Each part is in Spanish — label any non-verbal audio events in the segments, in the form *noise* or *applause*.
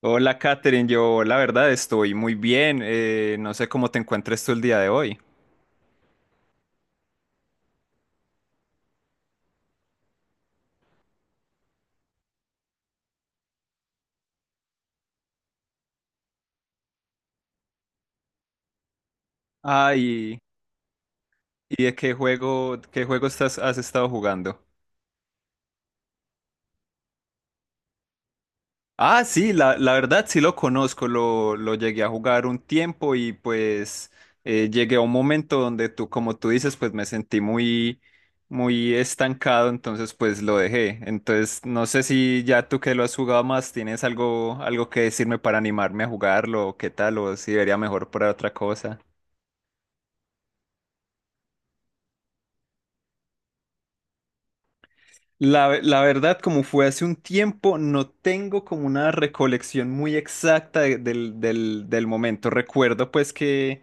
Hola, Katherine. Yo, la verdad, estoy muy bien. No sé cómo te encuentres tú el día de hoy. Ah, y, y de qué juego estás, has estado jugando. Ah, sí, la verdad sí lo conozco. Lo llegué a jugar un tiempo y pues llegué a un momento donde tú, como tú dices, pues me sentí muy, muy estancado, entonces pues lo dejé. Entonces, no sé si ya tú que lo has jugado más, tienes algo, algo que decirme para animarme a jugarlo, o qué tal, o si debería mejor por otra cosa. La verdad, como fue hace un tiempo, no tengo como una recolección muy exacta del momento. Recuerdo pues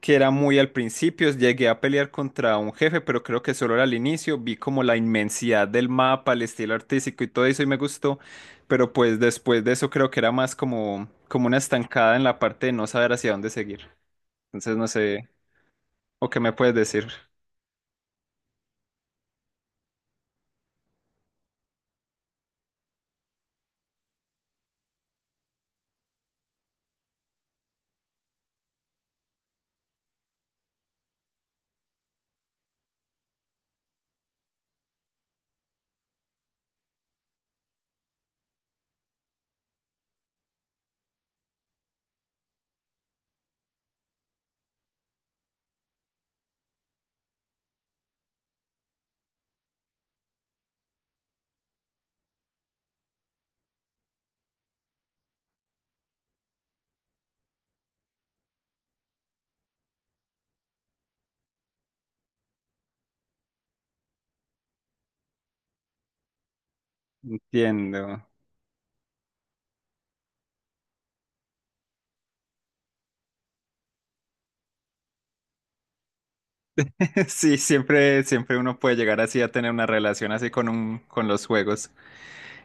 que era muy al principio, llegué a pelear contra un jefe, pero creo que solo era al inicio, vi como la inmensidad del mapa, el estilo artístico y todo eso y me gustó, pero pues después de eso creo que era más como, como una estancada en la parte de no saber hacia dónde seguir. Entonces no sé, ¿o qué me puedes decir? Entiendo. *laughs* Sí, siempre, siempre uno puede llegar así a tener una relación así con un, con los juegos.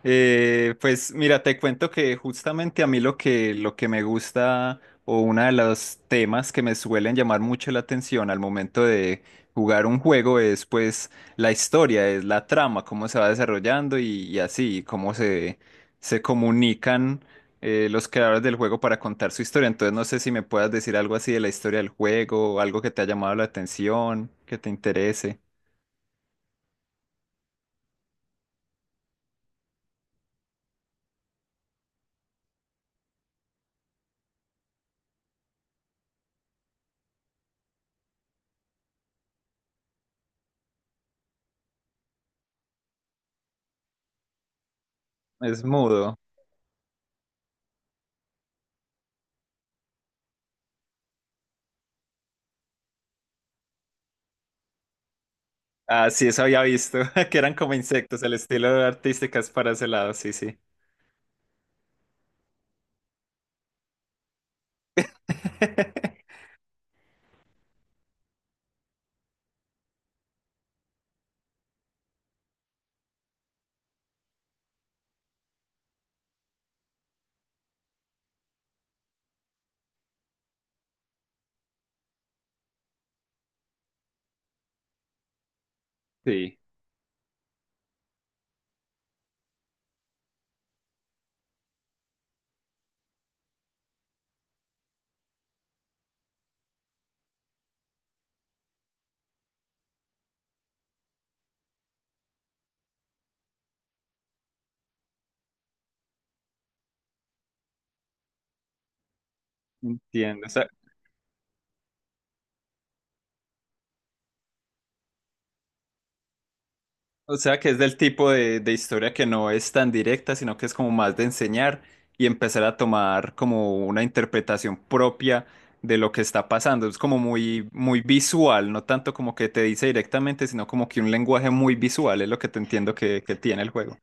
Pues mira, te cuento que justamente a mí lo que me gusta o uno de los temas que me suelen llamar mucho la atención al momento de jugar un juego es pues la historia, es la trama, cómo se va desarrollando y así, cómo se, se comunican los creadores del juego para contar su historia. Entonces no sé si me puedas decir algo así de la historia del juego, algo que te ha llamado la atención, que te interese. Es mudo. Ah, sí, eso había visto, *laughs* que eran como insectos, el estilo artística es para ese lado, sí, sí. *laughs* Sí, entiendo. O sea que es del tipo de historia que no es tan directa, sino que es como más de enseñar y empezar a tomar como una interpretación propia de lo que está pasando. Es como muy, muy visual, no tanto como que te dice directamente, sino como que un lenguaje muy visual es lo que te entiendo que tiene el juego.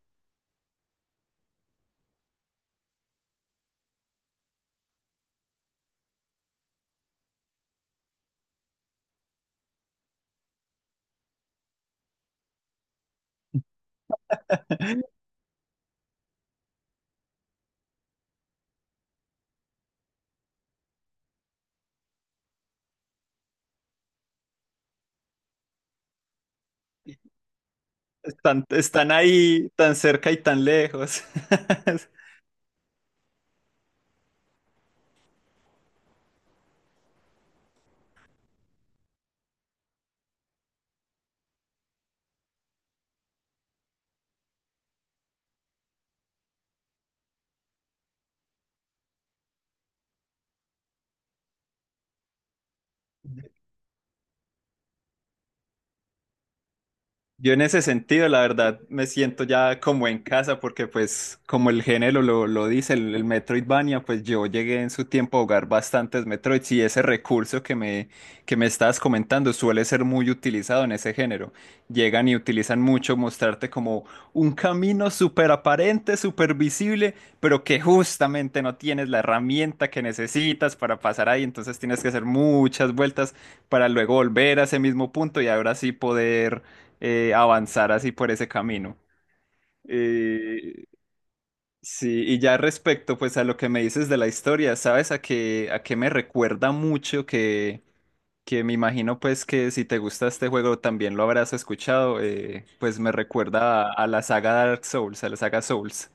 Están, están ahí tan cerca y tan lejos. *laughs* Yo en ese sentido, la verdad, me siento ya como en casa porque pues como el género lo dice, el Metroidvania, pues yo llegué en su tiempo a jugar bastantes Metroids y ese recurso que me estabas comentando suele ser muy utilizado en ese género. Llegan y utilizan mucho mostrarte como un camino súper aparente, súper visible, pero que justamente no tienes la herramienta que necesitas para pasar ahí, entonces tienes que hacer muchas vueltas para luego volver a ese mismo punto y ahora sí poder avanzar así por ese camino. Eh, sí, y ya respecto pues a lo que me dices de la historia, ¿sabes a qué me recuerda mucho que me imagino pues que si te gusta este juego también lo habrás escuchado, pues me recuerda a la saga Dark Souls, a la saga Souls.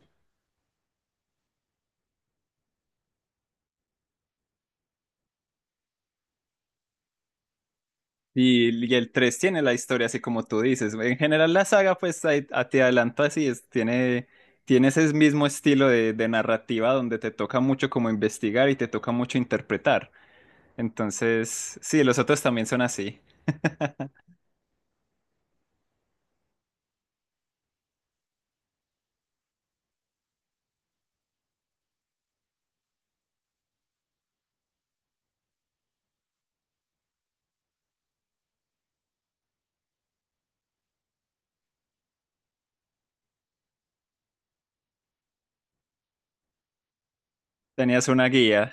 Y el 3 tiene la historia así como tú dices. En general la saga pues te adelanto así, es, tiene... Tiene ese mismo estilo de narrativa donde te toca mucho como investigar y te toca mucho interpretar. Entonces, sí, los otros también son así. Tenías una guía.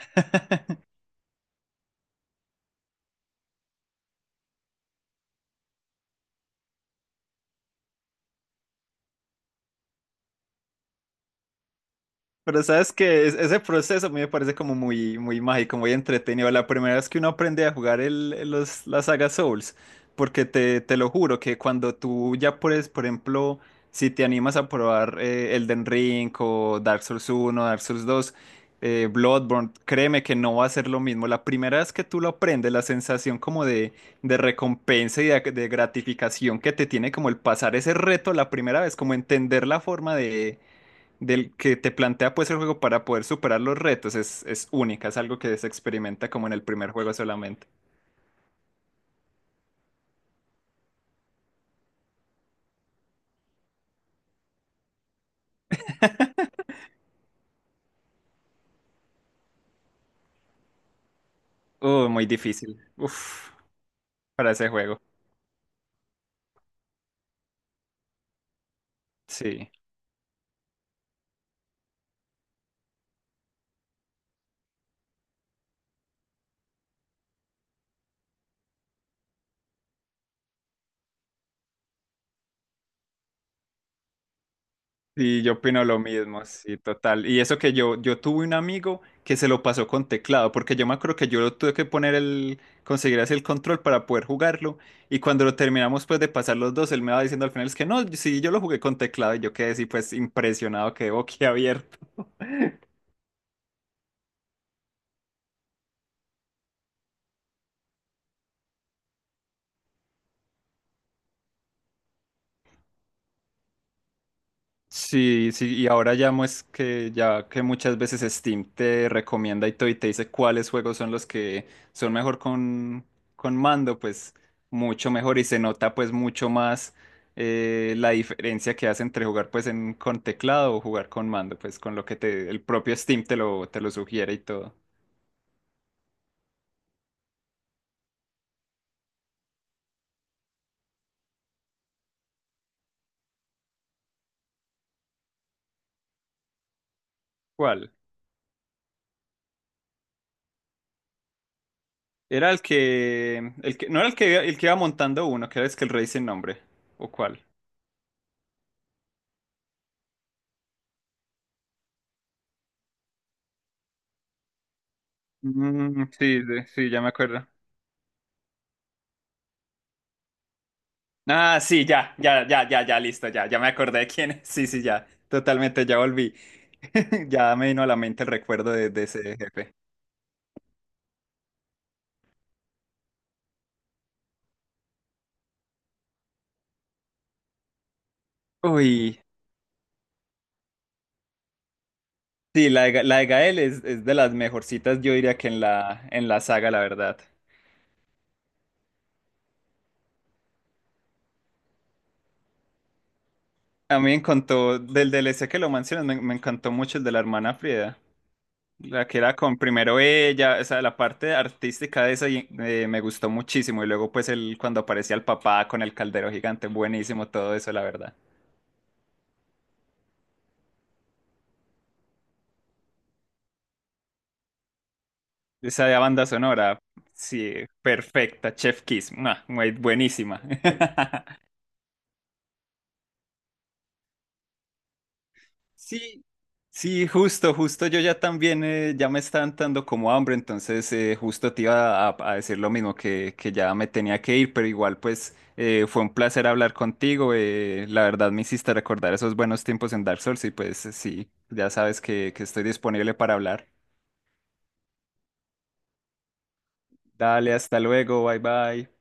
Pero sabes que ese proceso a mí me parece como muy, muy mágico, muy entretenido. La primera vez que uno aprende a jugar la saga Souls, porque te lo juro que cuando tú ya puedes, por ejemplo, si te animas a probar Elden Ring o Dark Souls uno, Dark Souls 2, Bloodborne, créeme que no va a ser lo mismo. La primera vez que tú lo aprendes, la sensación como de recompensa y de gratificación que te tiene como el pasar ese reto la primera vez, como entender la forma de del que te plantea pues el juego para poder superar los retos es única, es algo que se experimenta como en el primer juego solamente. Muy difícil. Uf, para ese juego. Sí. Y yo opino lo mismo, sí, total. Y eso que yo tuve un amigo que se lo pasó con teclado, porque yo me acuerdo que yo lo tuve que poner el, conseguir así el control para poder jugarlo. Y cuando lo terminamos pues de pasar los dos, él me va diciendo al final es que no, sí, yo lo jugué con teclado y yo quedé así pues impresionado, quedé boquiabierto. Sí, sí, y ahora ya es que ya que muchas veces Steam te recomienda y todo y te dice cuáles juegos son los que son mejor con mando, pues mucho mejor y se nota pues mucho más la diferencia que hace entre jugar pues en con teclado o jugar con mando, pues con lo que te el propio Steam te lo sugiere y todo. ¿Cuál? Era el que no era el que iba montando uno, que era es que el rey sin nombre. ¿O cuál? Mm, sí, sí, ya me acuerdo. Ah, sí, ya, ya, ya, ya, ya, listo, ya, ya me acordé de quién es. *laughs* Sí, sí, ya, totalmente, ya volví. *laughs* Ya me vino a la mente el recuerdo de ese jefe. Uy, sí, la de Gael es de las mejorcitas, yo diría que en la saga, la verdad. A mí me encantó, del DLC que lo mencionas, me encantó mucho el de la hermana Frida. La que era con primero ella, o sea, la parte artística de esa me gustó muchísimo. Y luego, pues, el, cuando aparecía el papá con el caldero gigante, buenísimo todo eso, la verdad. Esa de banda sonora, sí, perfecta, Chef Kiss, mua, muy buenísima. *laughs* Sí, sí, justo, justo yo ya también, ya me está dando como hambre, entonces justo te iba a decir lo mismo, que ya me tenía que ir, pero igual pues fue un placer hablar contigo, la verdad me hiciste recordar esos buenos tiempos en Dark Souls y pues sí, ya sabes que estoy disponible para hablar. Dale, hasta luego, bye bye.